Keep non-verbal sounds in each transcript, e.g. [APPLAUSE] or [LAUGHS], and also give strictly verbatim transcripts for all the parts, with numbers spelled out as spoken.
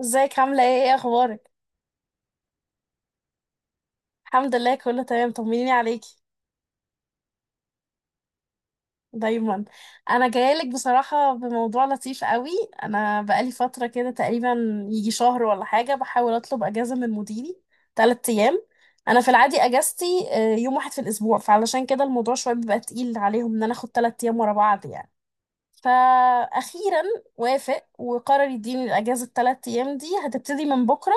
ازيك؟ عاملة ايه؟ ايه اخبارك؟ الحمد لله، كله تمام. طمنيني عليكي دايما. انا جايلك بصراحة بموضوع لطيف قوي. انا بقالي فترة كده، تقريبا يجي شهر ولا حاجة، بحاول اطلب اجازة من مديري تلات ايام. انا في العادي اجازتي آه، يوم واحد في الاسبوع، فعلشان كده الموضوع شوية بيبقى تقيل عليهم ان انا اخد تلات ايام ورا بعض يعني. فاخيرا وافق وقرر يديني الاجازة التلات ايام دي، هتبتدي من بكرة.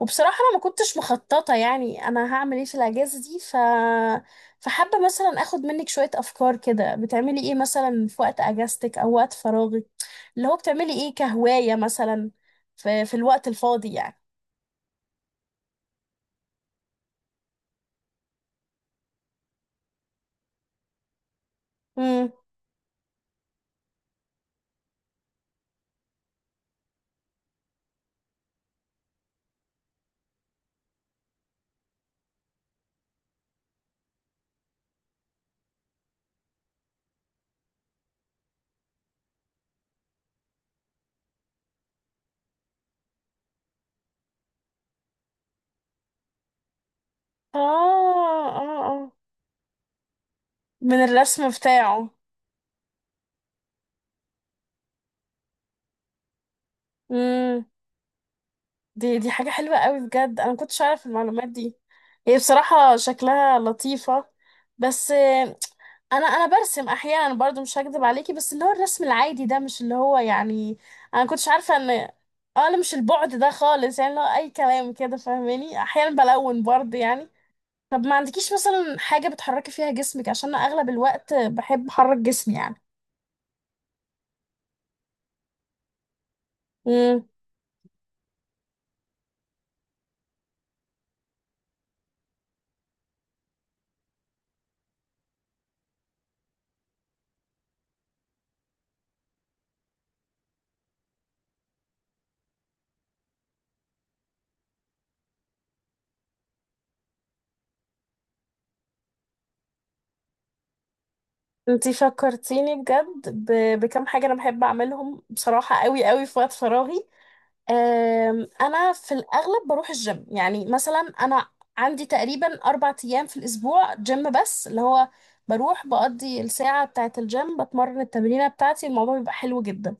وبصراحة أنا ما كنتش مخططة يعني أنا هعمل إيه في الأجازة دي، ف... فحابة مثلا أخد منك شوية أفكار كده، بتعملي إيه مثلا في وقت أجازتك أو وقت فراغك؟ اللي هو بتعملي إيه كهواية مثلا في, في الوقت الفاضي يعني؟ مم. آه آه، آه من الرسم بتاعه. مم. دي دي حاجة حلوة قوي بجد، أنا ما كنتش أعرف المعلومات دي. هي بصراحة شكلها لطيفة. بس انا انا برسم احيانا برضو، مش هكذب عليكي، بس اللي هو الرسم العادي ده مش اللي هو يعني، انا كنتش عارفه ان... اه لا، مش البعد ده خالص يعني، اللي هو اي كلام كده فاهماني، احيانا بلون برضو يعني. طب ما عندكيش مثلا حاجه بتحركي فيها جسمك؟ عشان انا اغلب الوقت بحب احرك جسمي يعني. انتي فكرتيني بجد ب- بكم حاجة انا بحب اعملهم بصراحة، قوي قوي في وقت فراغي. أم، انا في الاغلب بروح الجيم. يعني مثلا انا عندي تقريبا اربع ايام في الاسبوع جيم، بس اللي هو بروح بقضي الساعة بتاعة الجيم، بتمرن التمرينة بتاعتي، الموضوع بيبقى حلو جدا.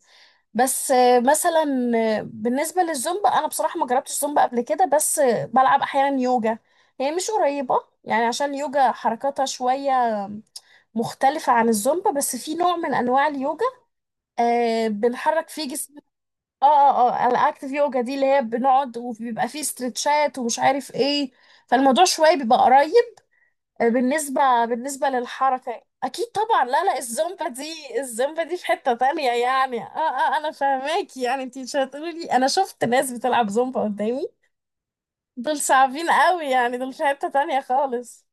بس آه، مثلا، آه، بالنسبة للزومبا، انا بصراحة ما جربتش زومبا قبل كده، بس آه، بلعب احيانا يوجا. هي مش قريبة يعني، عشان يوجا حركاتها شوية مختلفة عن الزومبا، بس في نوع من أنواع اليوجا آه بنحرك فيه جسم. اه اه اه الأكتيف يوجا دي اللي هي بنقعد وبيبقى فيه استرتشات ومش عارف ايه، فالموضوع شوية بيبقى قريب. آه بالنسبة بالنسبة للحركة أكيد طبعا، لا لا، الزومبا دي، الزومبا دي في حتة تانية يعني، اه. اه أنا فاهماكي يعني، انتي مش هتقولي لي أنا شفت ناس بتلعب زومبا قدامي، دول صعبين قوي يعني، دول في حتة تانية خالص.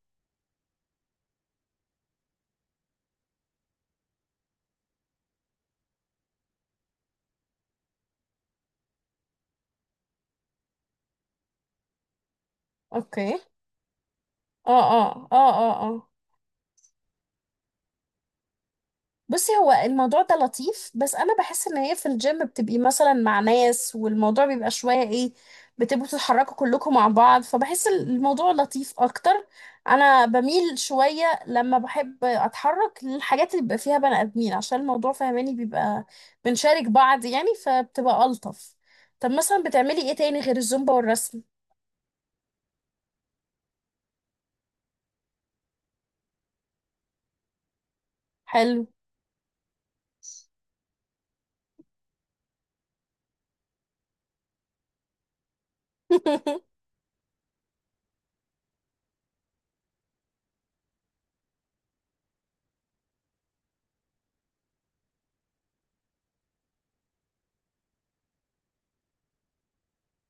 اوكي. اه اه اه اه اه بصي هو الموضوع ده لطيف، بس انا بحس ان هي في الجيم بتبقي مثلا مع ناس والموضوع بيبقى شويه ايه، بتبقوا بتتحركوا كلكم مع بعض، فبحس الموضوع لطيف اكتر. انا بميل شويه لما بحب اتحرك للحاجات اللي بيبقى فيها بني ادمين، عشان الموضوع فهماني بيبقى بنشارك بعض يعني، فبتبقى الطف. طب مثلا بتعملي ايه تاني غير الزومبا والرسم؟ حلو. [LAUGHS]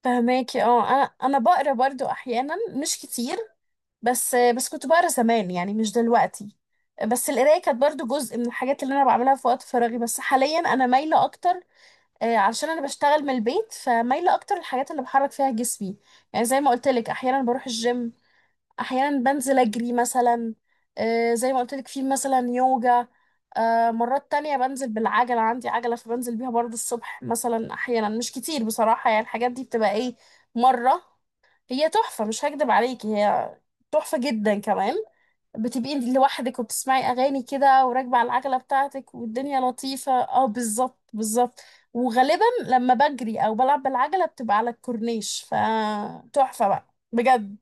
فهماكي اه انا انا بقرا برضو احيانا مش كتير، بس بس كنت بقرا زمان يعني، مش دلوقتي. بس القرايه كانت برضو جزء من الحاجات اللي انا بعملها في وقت فراغي، بس حاليا انا مايله اكتر، آه، علشان انا بشتغل من البيت، فمايله اكتر الحاجات اللي بحرك فيها جسمي. يعني زي ما قلت لك احيانا بروح الجيم، احيانا بنزل اجري مثلا، آه، زي ما قلت لك في مثلا يوجا، آه، مرات تانية بنزل بالعجلة، عندي عجلة فبنزل بيها برضو الصبح مثلا، أحيانا مش كتير بصراحة يعني، الحاجات دي بتبقى إيه، مرة. هي تحفة مش هكدب عليكي، هي تحفة جدا كمان، بتبقي لوحدك وبتسمعي أغاني كده وراكبة على العجلة بتاعتك والدنيا لطيفة، اه بالظبط بالظبط. وغالبا لما بجري أو بلعب بالعجلة بتبقى على الكورنيش، فتحفة بقى بجد.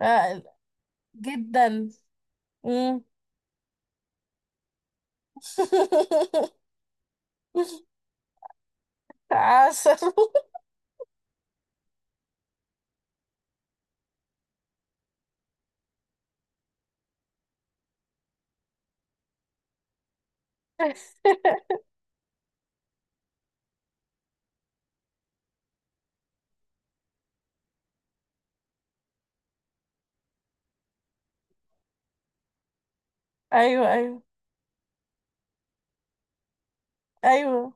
ف- جدا. مم. [LAUGHS] عسل. [LAUGHS] أيوه أيوه أيوه.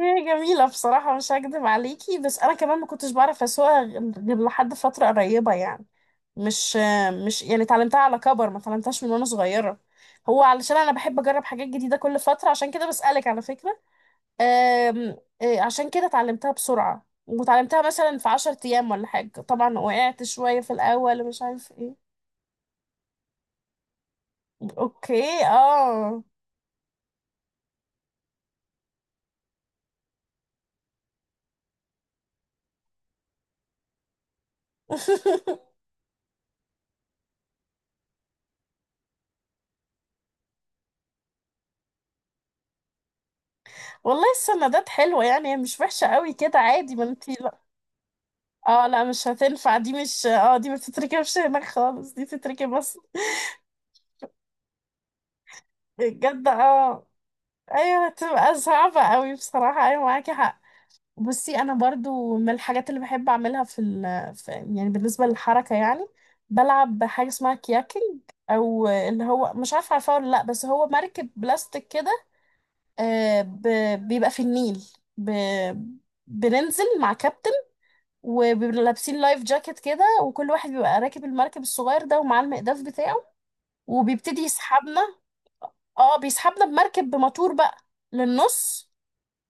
هي جميلة بصراحة مش هكدب عليكي، بس أنا كمان ما كنتش بعرف أسوقها غير لحد فترة قريبة يعني، مش مش يعني اتعلمتها على كبر، ما اتعلمتهاش من وأنا صغيرة. هو علشان أنا بحب أجرب حاجات جديدة كل فترة، عشان كده بسألك على فكرة. أم، إيه، عشان كده اتعلمتها بسرعة، وتعلمتها مثلا في عشر أيام ولا حاجة، طبعا وقعت شوية في الأول ومش عارف ايه. اوكي اه. [LAUGHS] والله السندات حلوة يعني، هي مش وحشة قوي كده، عادي ما انتي... اه لا مش هتنفع، دي مش، اه دي ما تتركبش هناك خالص، دي تتركب بس. بجد اه. ايوه هتبقى صعبة قوي بصراحة، ايوه معاكي حق. بصي انا برضو من الحاجات اللي بحب اعملها في, ال... في يعني بالنسبة للحركة يعني، بلعب حاجة اسمها كياكينج، او اللي هو مش عارفة عارفاه ولا لا، بس هو مركب بلاستيك كده. آه ب... بيبقى في النيل، ب... بننزل مع كابتن وبيبقوا لابسين لايف جاكيت كده، وكل واحد بيبقى راكب المركب الصغير ده ومعاه المقداف بتاعه، وبيبتدي يسحبنا. اه بيسحبنا بمركب بموتور بقى للنص،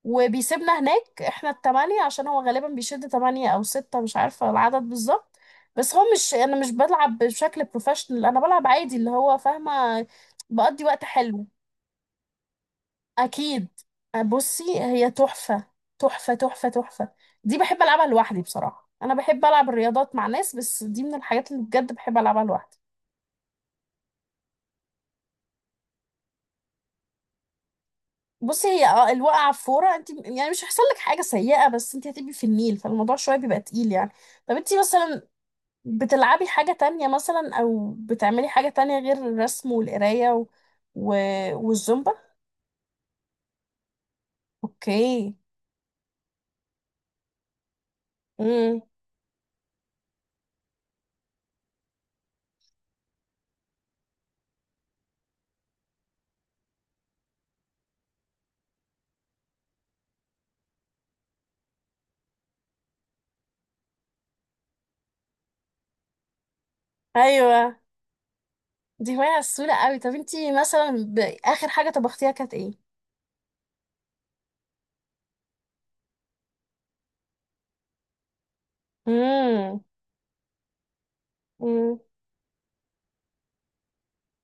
وبيسيبنا هناك، احنا التمانية، عشان هو غالبا بيشد تمانية او ستة، مش عارفة العدد بالظبط. بس هو مش، انا مش بلعب بشكل بروفيشنال، انا بلعب عادي اللي هو فاهمة، بقضي وقت حلو. اكيد. آه، بصي هي تحفه، تحفه تحفه تحفه. دي بحب العبها لوحدي بصراحه، انا بحب العب الرياضات مع ناس، بس دي من الحاجات اللي بجد بحب العبها لوحدي. بصي هي اه الوقعه في فوره، انت يعني مش هيحصل لك حاجه سيئه، بس انت هتبقي في النيل، فالموضوع شويه بيبقى تقيل يعني. طب انت مثلا بتلعبي حاجه تانية مثلا او بتعملي حاجه تانية غير الرسم والقرايه و... و... والزومبا؟ اوكي. امم. ايوه، دي هوايه سهله قوي. طب انت مثلا ب... اخر حاجه طبختيها كانت ايه؟ امم. امم.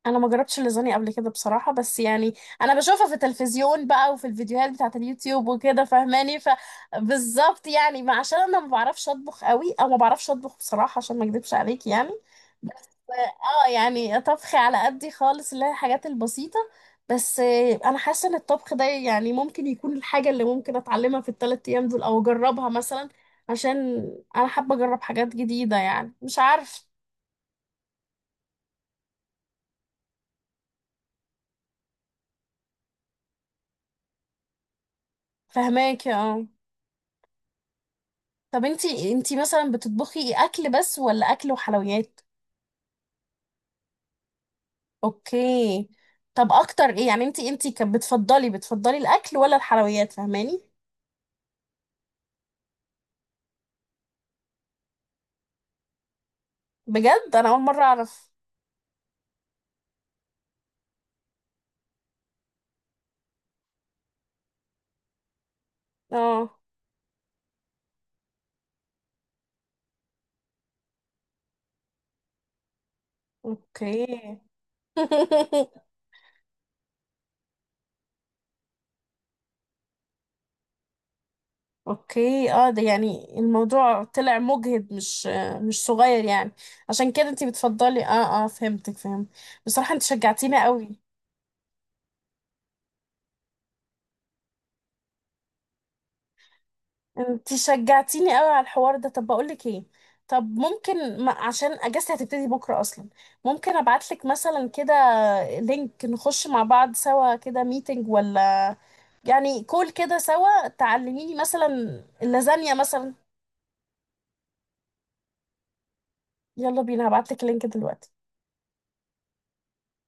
انا ما جربتش اللازانيا قبل كده بصراحه، بس يعني انا بشوفها في التلفزيون بقى وفي الفيديوهات بتاعه اليوتيوب وكده فاهماني، فبالظبط يعني، ما عشان انا ما بعرفش اطبخ قوي، او ما بعرفش اطبخ بصراحه عشان ما اكدبش عليك يعني. ف- اه يعني طبخي على قدي خالص، اللي هي الحاجات البسيطه. بس آه، انا حاسه ان الطبخ ده يعني ممكن يكون الحاجه اللي ممكن اتعلمها في الثلاث ايام دول او اجربها مثلا، عشان انا حابه اجرب حاجات جديده يعني مش عارف. فهماكي اه. طب انتي انتي مثلا بتطبخي اكل بس ولا اكل وحلويات؟ اوكي. طب اكتر ايه يعني، انتي انتي كانت بتفضلي، بتفضلي الاكل ولا الحلويات؟ فاهماني. بجد انا اول مره اعرف. اه اوكي. [LAUGHS] اوكي اه، ده يعني الموضوع طلع مجهد، مش مش صغير يعني. عشان كده انتي بتفضلي، اه اه فهمتك فهمت. بصراحه انت شجعتيني قوي. انتي شجعتيني قوي على الحوار ده، طب بقولك ايه، طب ممكن ما عشان اجازتي هتبتدي بكره اصلا، ممكن ابعتلك مثلا كده لينك نخش مع بعض سوا كده ميتنج، ولا يعني كول كده سوا، تعلميني مثلا اللازانيا مثلا. يلا بينا، هبعتلك اللينك دلوقتي.